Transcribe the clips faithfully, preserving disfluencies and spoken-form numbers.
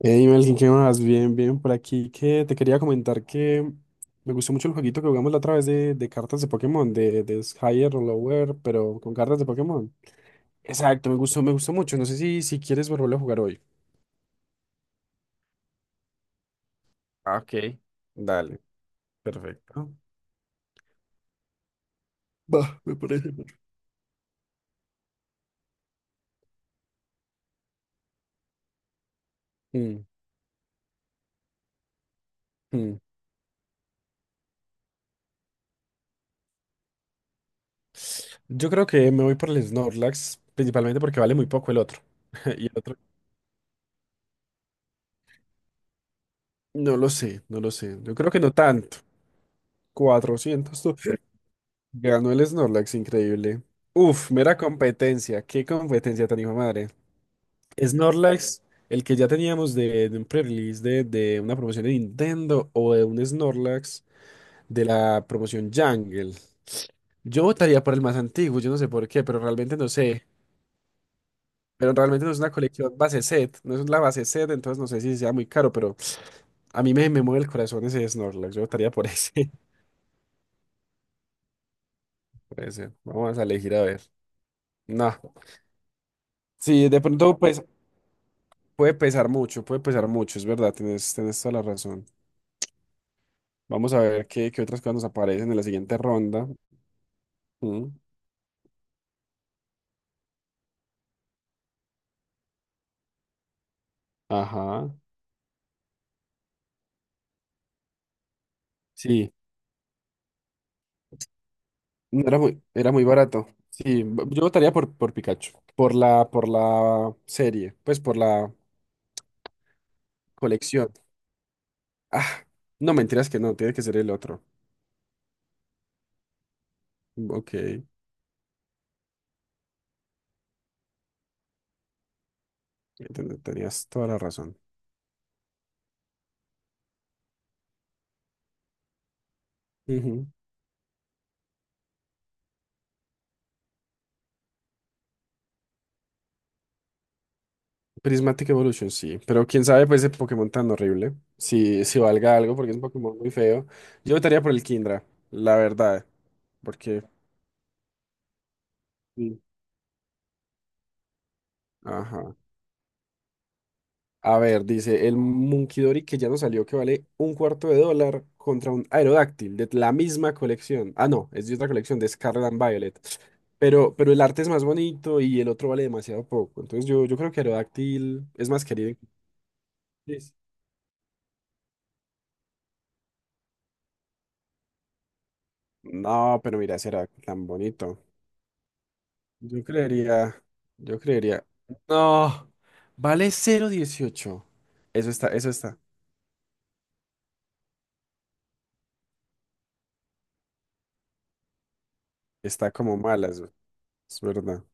Hey Melkin, ¿qué más? Bien, bien, por aquí que te quería comentar que me gustó mucho el jueguito que jugamos la otra vez de, de cartas de Pokémon, de, de Higher o Lower, pero con cartas de Pokémon. Exacto, me gustó, me gustó mucho. No sé si, si quieres volverlo a jugar hoy. Ah, ok, dale, perfecto. Va, me parece. Mm, mm. Yo creo que me voy por el Snorlax, principalmente porque vale muy poco el otro. Y el otro, no lo sé, no lo sé. Yo creo que no tanto. Cuatrocientos. Ganó el Snorlax, increíble. Uf, mera competencia. Qué competencia tan hijo de madre. Snorlax, el que ya teníamos de, de un pre-release de, de una promoción de Nintendo o de un Snorlax de la promoción Jungle. Yo votaría por el más antiguo, yo no sé por qué, pero realmente no sé. Pero realmente no es una colección base set, no es la base set, entonces no sé si sea muy caro, pero a mí me, me mueve el corazón ese Snorlax. Yo votaría por ese. Por ese. Vamos a elegir a ver. No. Sí, de pronto, pues. Puede pesar mucho, puede pesar mucho, es verdad, tienes, tienes toda la razón. Vamos a ver qué, qué otras cosas nos aparecen en la siguiente ronda. Mm, ajá. Sí, no era muy, era muy barato. Sí, b- yo votaría por, por Pikachu, por la, por la serie, pues por la colección. Ah, no, mentiras que no, tiene que ser el otro. Ok, ten- tenías toda la razón. Ujú. Prismatic Evolution, sí. Pero quién sabe, pues ese Pokémon tan horrible. Si, si valga algo, porque es un Pokémon muy feo. Yo votaría por el Kindra, la verdad. Porque. Sí. Ajá. A ver, dice el Munkidori que ya nos salió que vale un cuarto de dólar contra un Aerodáctil de la misma colección. Ah, no, es de otra colección de Scarlet and Violet. Pero, pero el arte es más bonito y el otro vale demasiado poco. Entonces yo, yo creo que Aerodáctil es más querido. Incluso. No, pero mira ese era tan bonito. Yo creería, yo creería. No, vale cero dieciocho. Eso está, eso está, está como mala, eso es verdad.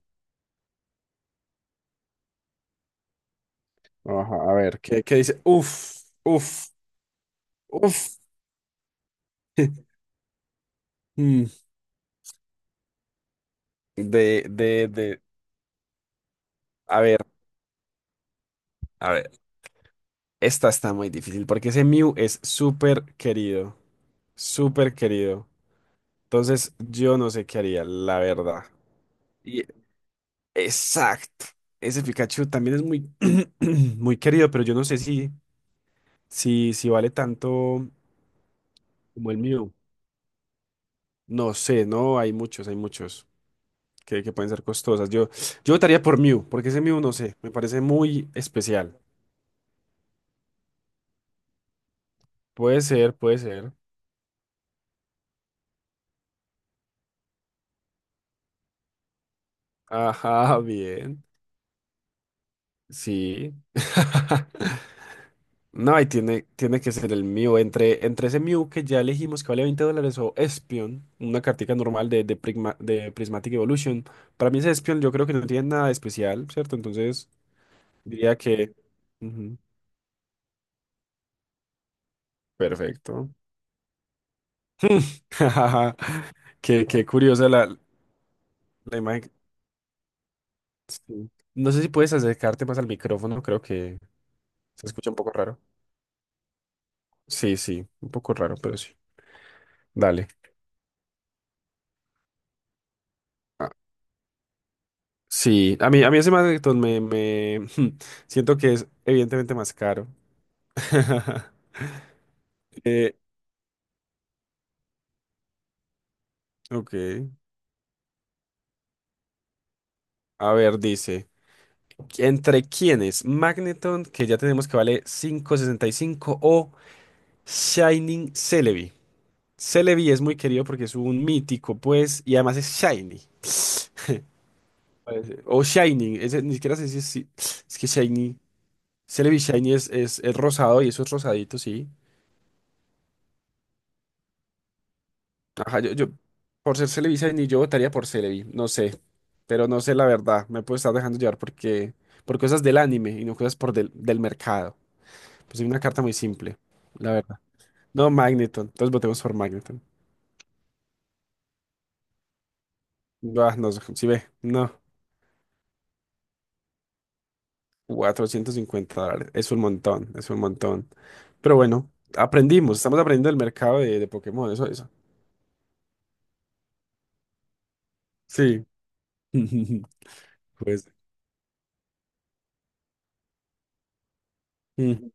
Ajá, a ver, ¿qué, qué dice? Uf, uf, uf. Mm, De, de, de, a ver, a ver, esta está muy difícil porque ese Mew es súper querido, súper querido. Entonces, yo no sé qué haría, la verdad. Y- exacto. Ese Pikachu también es muy, muy querido, pero yo no sé si si, si vale tanto como el mío. No sé, no, hay muchos, hay muchos que, que pueden ser costosas. Yo, yo votaría por Mew, porque ese Mew, no sé, me parece muy especial. Puede ser, puede ser. Ajá, bien. Sí. No, y tiene, tiene que ser el Mew. Entre, entre ese Mew que ya elegimos que vale veinte dólares o Espion, una cartica normal de, de, Prigma- de Prismatic Evolution. Para mí ese Espion yo creo que no tiene nada de especial, ¿cierto? Entonces diría que... Ujú, perfecto. Qué, qué curiosa la, la imagen. Sí. No sé si puedes acercarte más al micrófono, creo que se escucha un poco raro. Sí, sí, un poco raro, pero sí. Dale. Ah, sí, a mí, a mí ese Magneton me, me siento que es evidentemente más caro. Eh, ok. A ver, dice, ¿entre quiénes? Magneton, que ya tenemos que vale cinco sesenta y cinco o Shining Celebi. Celebi es muy querido porque es un mítico, pues, y además es shiny. Parece. O shiny, ese, ni siquiera sé si es, si- es que shiny. Celebi shiny es, es, es rosado y eso es rosadito, sí. Ajá, yo, yo, por ser Celebi shiny, yo votaría por Celebi, no sé. Pero no sé la verdad, me puedo estar dejando llevar porque, por cosas del anime y no cosas por del, del mercado. Pues es una carta muy simple, la verdad. No, Magneton, entonces votemos por Magneton. Ah, no, si ve, no. cuatrocientos cincuenta dólares. Es un montón, es un montón. Pero bueno, aprendimos, estamos aprendiendo del mercado de, de Pokémon, eso, eso. Sí. Pues. Mm,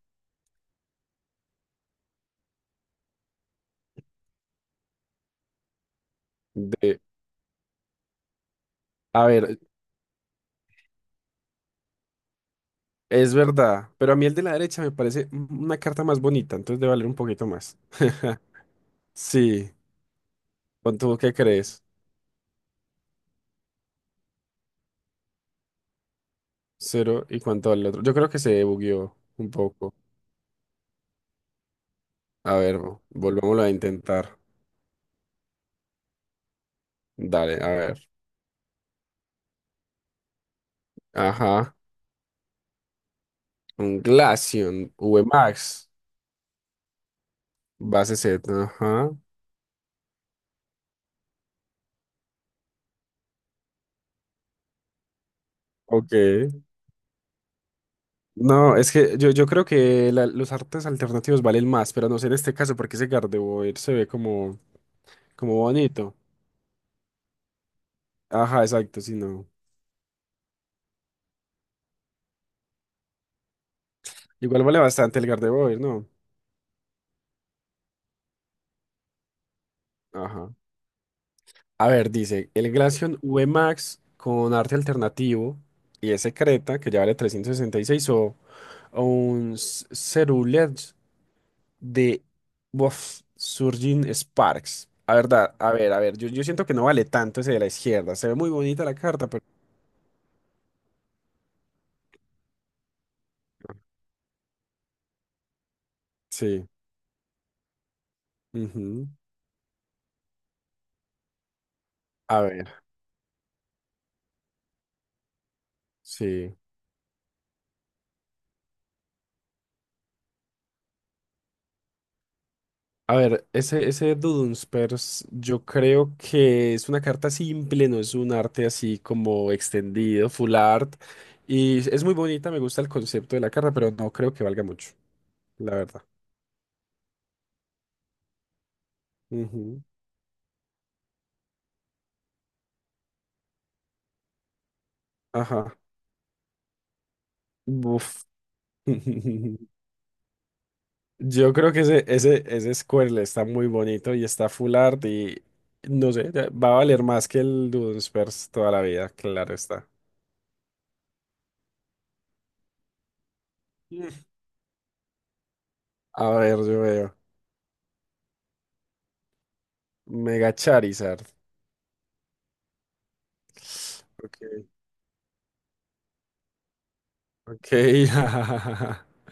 de- a ver, es verdad, pero a mí el de la derecha me parece una carta más bonita, entonces debe valer un poquito más. Sí. ¿Cuánto, qué crees? Cero y cuánto vale el otro. Yo creo que se bugueó un poco. A ver, vo- volvámoslo a intentar. Dale, a ver. Ajá. Un Glaceon, V MAX. Base Z, ajá. Ok. No, es que yo, yo creo que la- los artes alternativos valen más, pero no sé en este caso porque ese Gardevoir se ve como, como bonito. Ajá, exacto, sí, no. Igual vale bastante el Gardevoir, ¿no? Ajá. A ver, dice, el Glaceon V Max con arte alternativo y ese Creta que ya vale trescientos sesenta y seis o, o un Cerulean de Bof, surging Sparks. A verdad, a ver, a ver, yo, yo siento que no vale tanto ese de la izquierda. Se ve muy bonita la carta, pero sí. Ujú. A ver, sí. A ver, ese, ese Dudunsparce, yo creo que es una carta simple, no es un arte así como extendido, full art. Y es muy bonita, me gusta el concepto de la carta, pero no creo que valga mucho, la verdad. Ujú. Ajá. Buf. Yo creo que ese, ese, ese Squirrel está muy bonito y está full art y no sé, ya va a valer más que el Dunsparce toda la vida, claro está. Mm. A ver, yo veo. Mega Charizard. Ok, ok.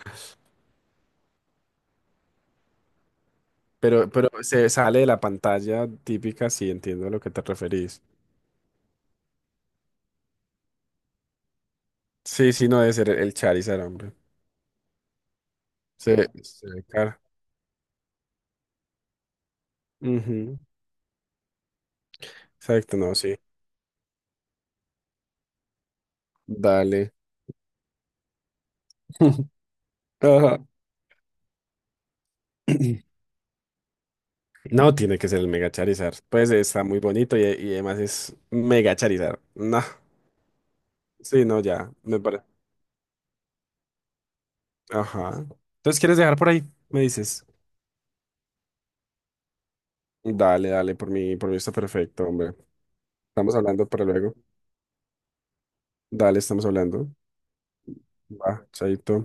Pero, pero se sale de la pantalla típica, sí, entiendo a lo que te referís. Sí, sí, no debe ser el Charizard, hombre. Se, se ve cara. Ujú, exacto, no, sí. Dale. Ajá. No, tiene que ser el Mega Charizard. Pues está muy bonito y, y además es Mega Charizard. No, sí, no, ya, me parece. Ajá. Entonces, ¿quieres dejar por ahí? Me dices. Dale, dale, por mí, por mí está perfecto, hombre. Estamos hablando para luego. Dale, estamos hablando. Va, chaito.